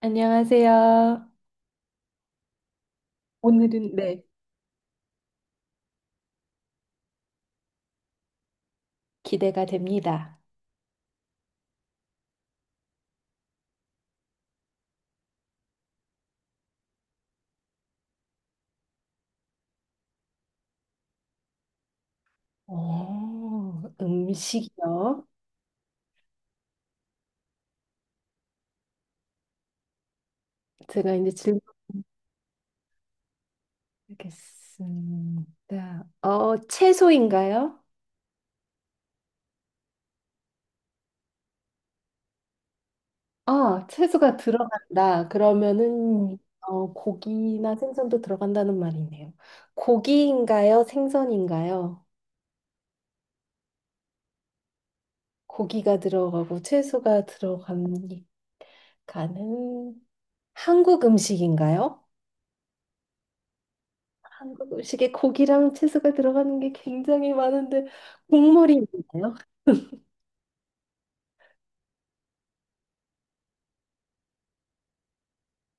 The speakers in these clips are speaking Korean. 안녕하세요. 오늘은 네. 기대가 됩니다. 음식이요? 제가 이제 질문하겠습니다. 채소인가요? 아, 채소가 들어간다. 그러면은 고기나 생선도 들어간다는 말이네요. 고기인가요? 생선인가요? 고기가 들어가고 채소가 들어가니까는 한국 음식인가요? 한국 음식에 고기랑 채소가 들어가는 게 굉장히 많은데 국물이 있나요?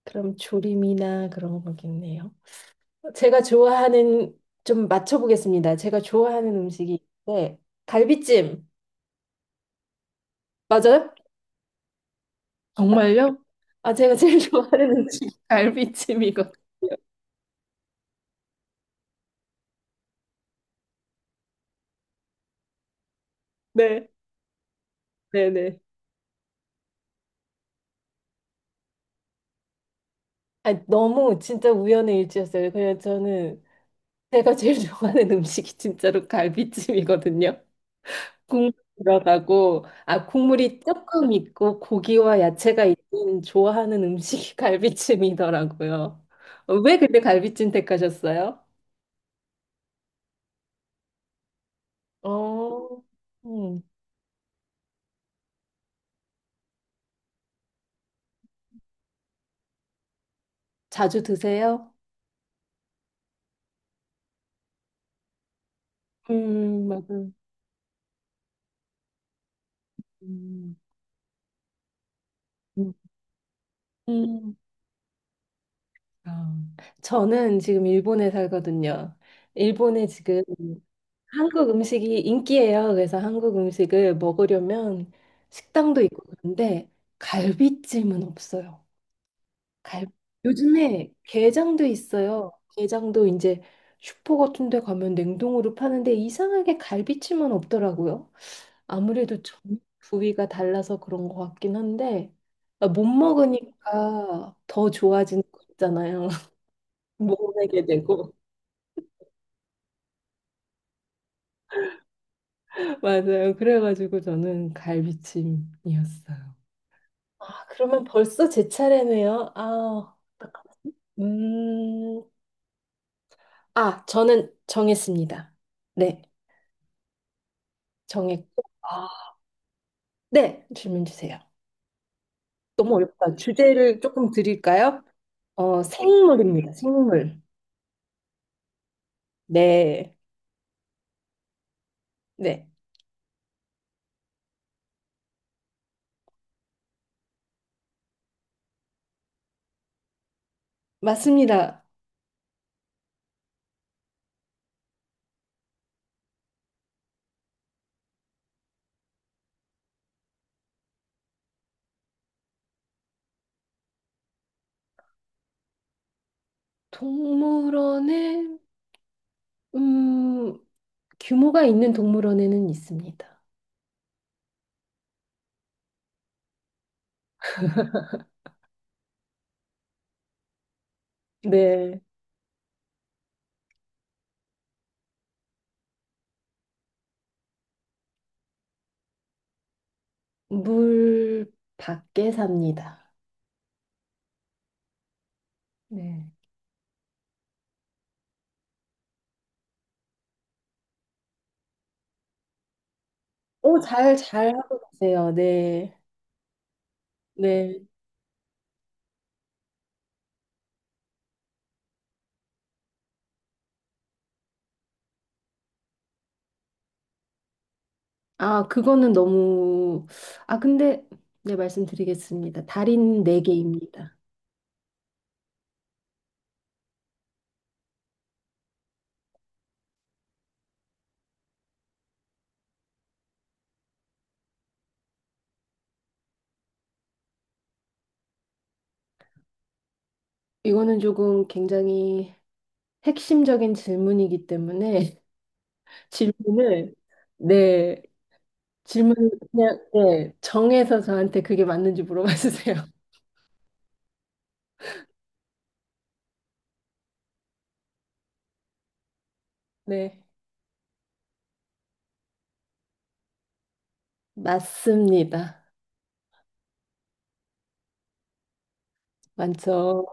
그럼 조림이나 그런 거겠네요. 제가 좋아하는 좀 맞춰보겠습니다. 제가 좋아하는 음식이 네, 갈비찜 맞아요? 정말요? 아 제가 제일 좋아하는 음식 갈비찜이거든요. 네, 네, 네. 아 너무 진짜 우연의 일치였어요. 그냥 저는 제가 제일 좋아하는 음식이 진짜로 갈비찜이거든요. 국물 들어가고 아 국물이 조금 있고 고기와 야채가 있는 좋아하는 음식이 갈비찜이더라고요. 왜 근데 갈비찜 택하셨어요? 어, 음, 자주 드세요? 맞아요. 음, 음. 음. 아, 저는 지금 일본에 살거든요. 일본에 지금 한국 음식이 인기예요. 그래서 한국 음식을 먹으려면 식당도 있고 그런데 갈비찜은 없어요. 갈 요즘에 게장도 있어요. 게장도 이제 슈퍼 같은 데 가면 냉동으로 파는데 이상하게 갈비찜은 없더라고요. 아무래도 전 부위가 달라서 그런 것 같긴 한데 아, 못 먹으니까 더 좋아지는 거 있잖아요. 못 먹게 되고. 맞아요. 그래가지고 저는 갈비찜이었어요. 아, 그러면 벌써 제 차례네요. 아, 음, 아, 저는 정했습니다. 네. 정했고. 아. 네, 질문 주세요. 너무 어렵다. 주제를 조금 드릴까요? 생물입니다. 생물. 네, 네, 맞습니다. 동물원에, 음, 규모가 있는 동물원에는 있습니다. 네, 물 밖에 삽니다. 네. 오, 잘 하고 계세요. 네, 네. 아, 그거는 너무, 아, 근데, 네, 말씀드리겠습니다. 달인 네개입니다 이거는 조금 굉장히 핵심적인 질문이기 때문에 질문을 네 질문을 그냥 네 정해서 저한테 그게 맞는지 물어봐 주세요. 네 맞습니다. 많죠.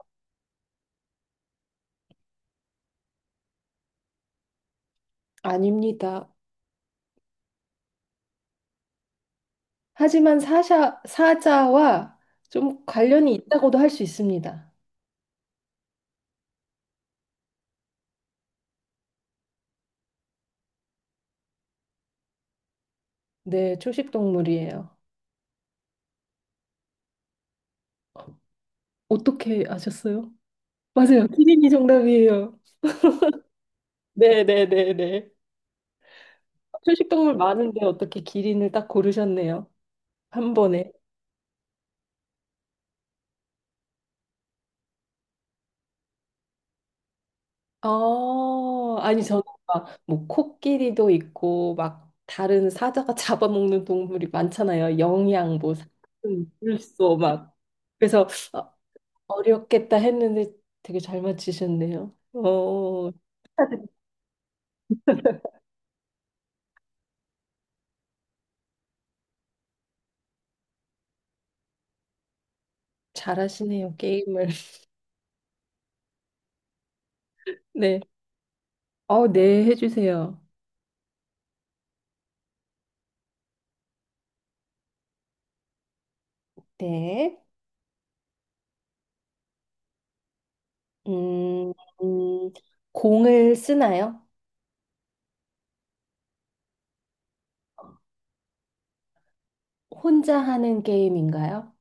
아닙니다. 하지만 사샤, 사자와 좀 관련이 있다고도 할 수 있습니다. 네 초식 동물이에요. 어떻게 아셨어요? 맞아요. 키링이 정답이에요. 네 네, 네, 네. 초식동물 많은데 어떻게 기린을 딱 고르셨네요. 한 번에. 아, 아니 저는 막 뭐 코끼리도 있고 막 다른 사자가 잡아먹는 동물이 많잖아요. 영양 뭐 사슴, 물소 막. 그래서 어, 어렵겠다 했는데 되게 잘 맞히셨네요. 어, 잘하시네요. 게임을. 네. 어, 네, 해주세요. 네. 음, 음, 공을 쓰나요? 혼자 하는 게임인가요?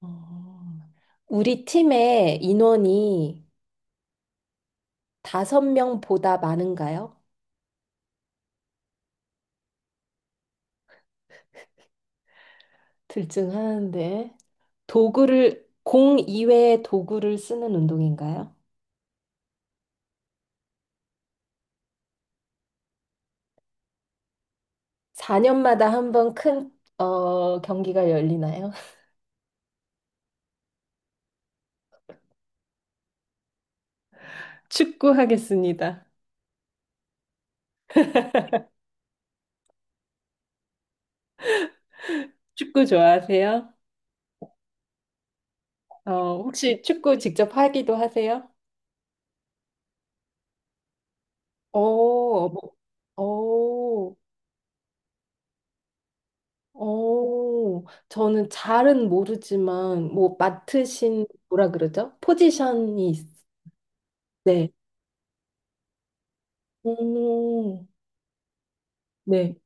어, 우리 팀의 인원이 다섯 명보다 많은가요? 들증하는데. 도구를, 공 이외의 도구를 쓰는 운동인가요? 4년마다 한번 큰, 어, 경기가 열리나요? 축구 하겠습니다. 축구 좋아하세요? 어, 혹시 축구 직접 하기도 하세요? 오, 뭐, 오, 오, 저는 잘은 모르지만, 뭐, 맡으신, 뭐라 그러죠? 포지션이, 있- 네. 오, 네.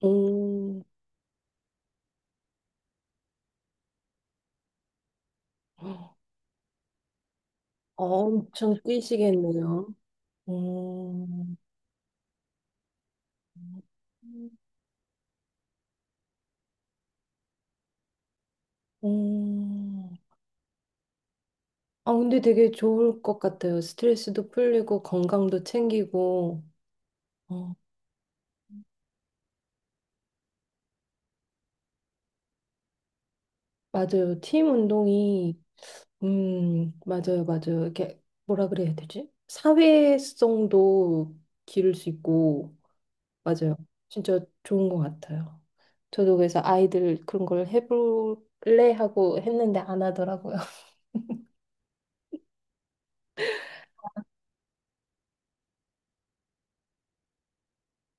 오, 엄청 뛰시겠네요. 오, 오. 아, 근데 되게 좋을 것 같아요. 스트레스도 풀리고, 건강도 챙기고. 어, 맞아요. 팀 운동이 맞아요, 맞아요. 이게 뭐라 그래야 되지? 사회성도 기를 수 있고, 맞아요. 진짜 좋은 것 같아요. 저도 그래서 아이들 그런 걸 해볼래 하고 했는데 안 하더라고요.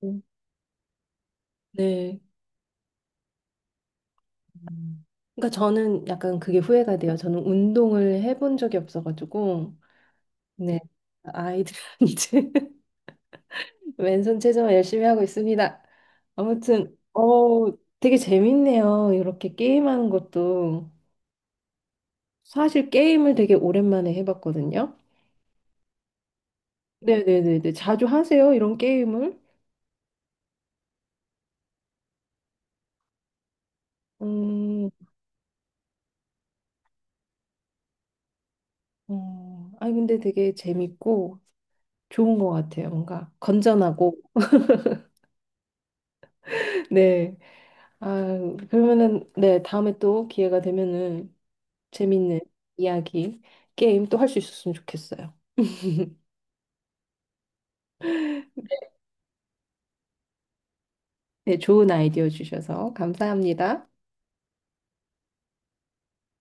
음. 네. 음. 그러니까 저는 약간 그게 후회가 돼요. 저는 운동을 해본 적이 없어가지고, 네. 아이들한테 왼손 체조 열심히 하고 있습니다. 아무튼, 어, 되게 재밌네요. 이렇게 게임하는 것도. 사실 게임을 되게 오랜만에 해봤거든요. 네네네네. 자주 하세요, 이런 게임을? 음, 아니, 근데 되게 재밌고 좋은 것 같아요. 뭔가 건전하고. 네. 아, 그러면은, 네, 다음에 또 기회가 되면은 재밌는 이야기, 게임 또 할 수 있었으면 좋겠어요. 네, 좋은 아이디어 주셔서 감사합니다.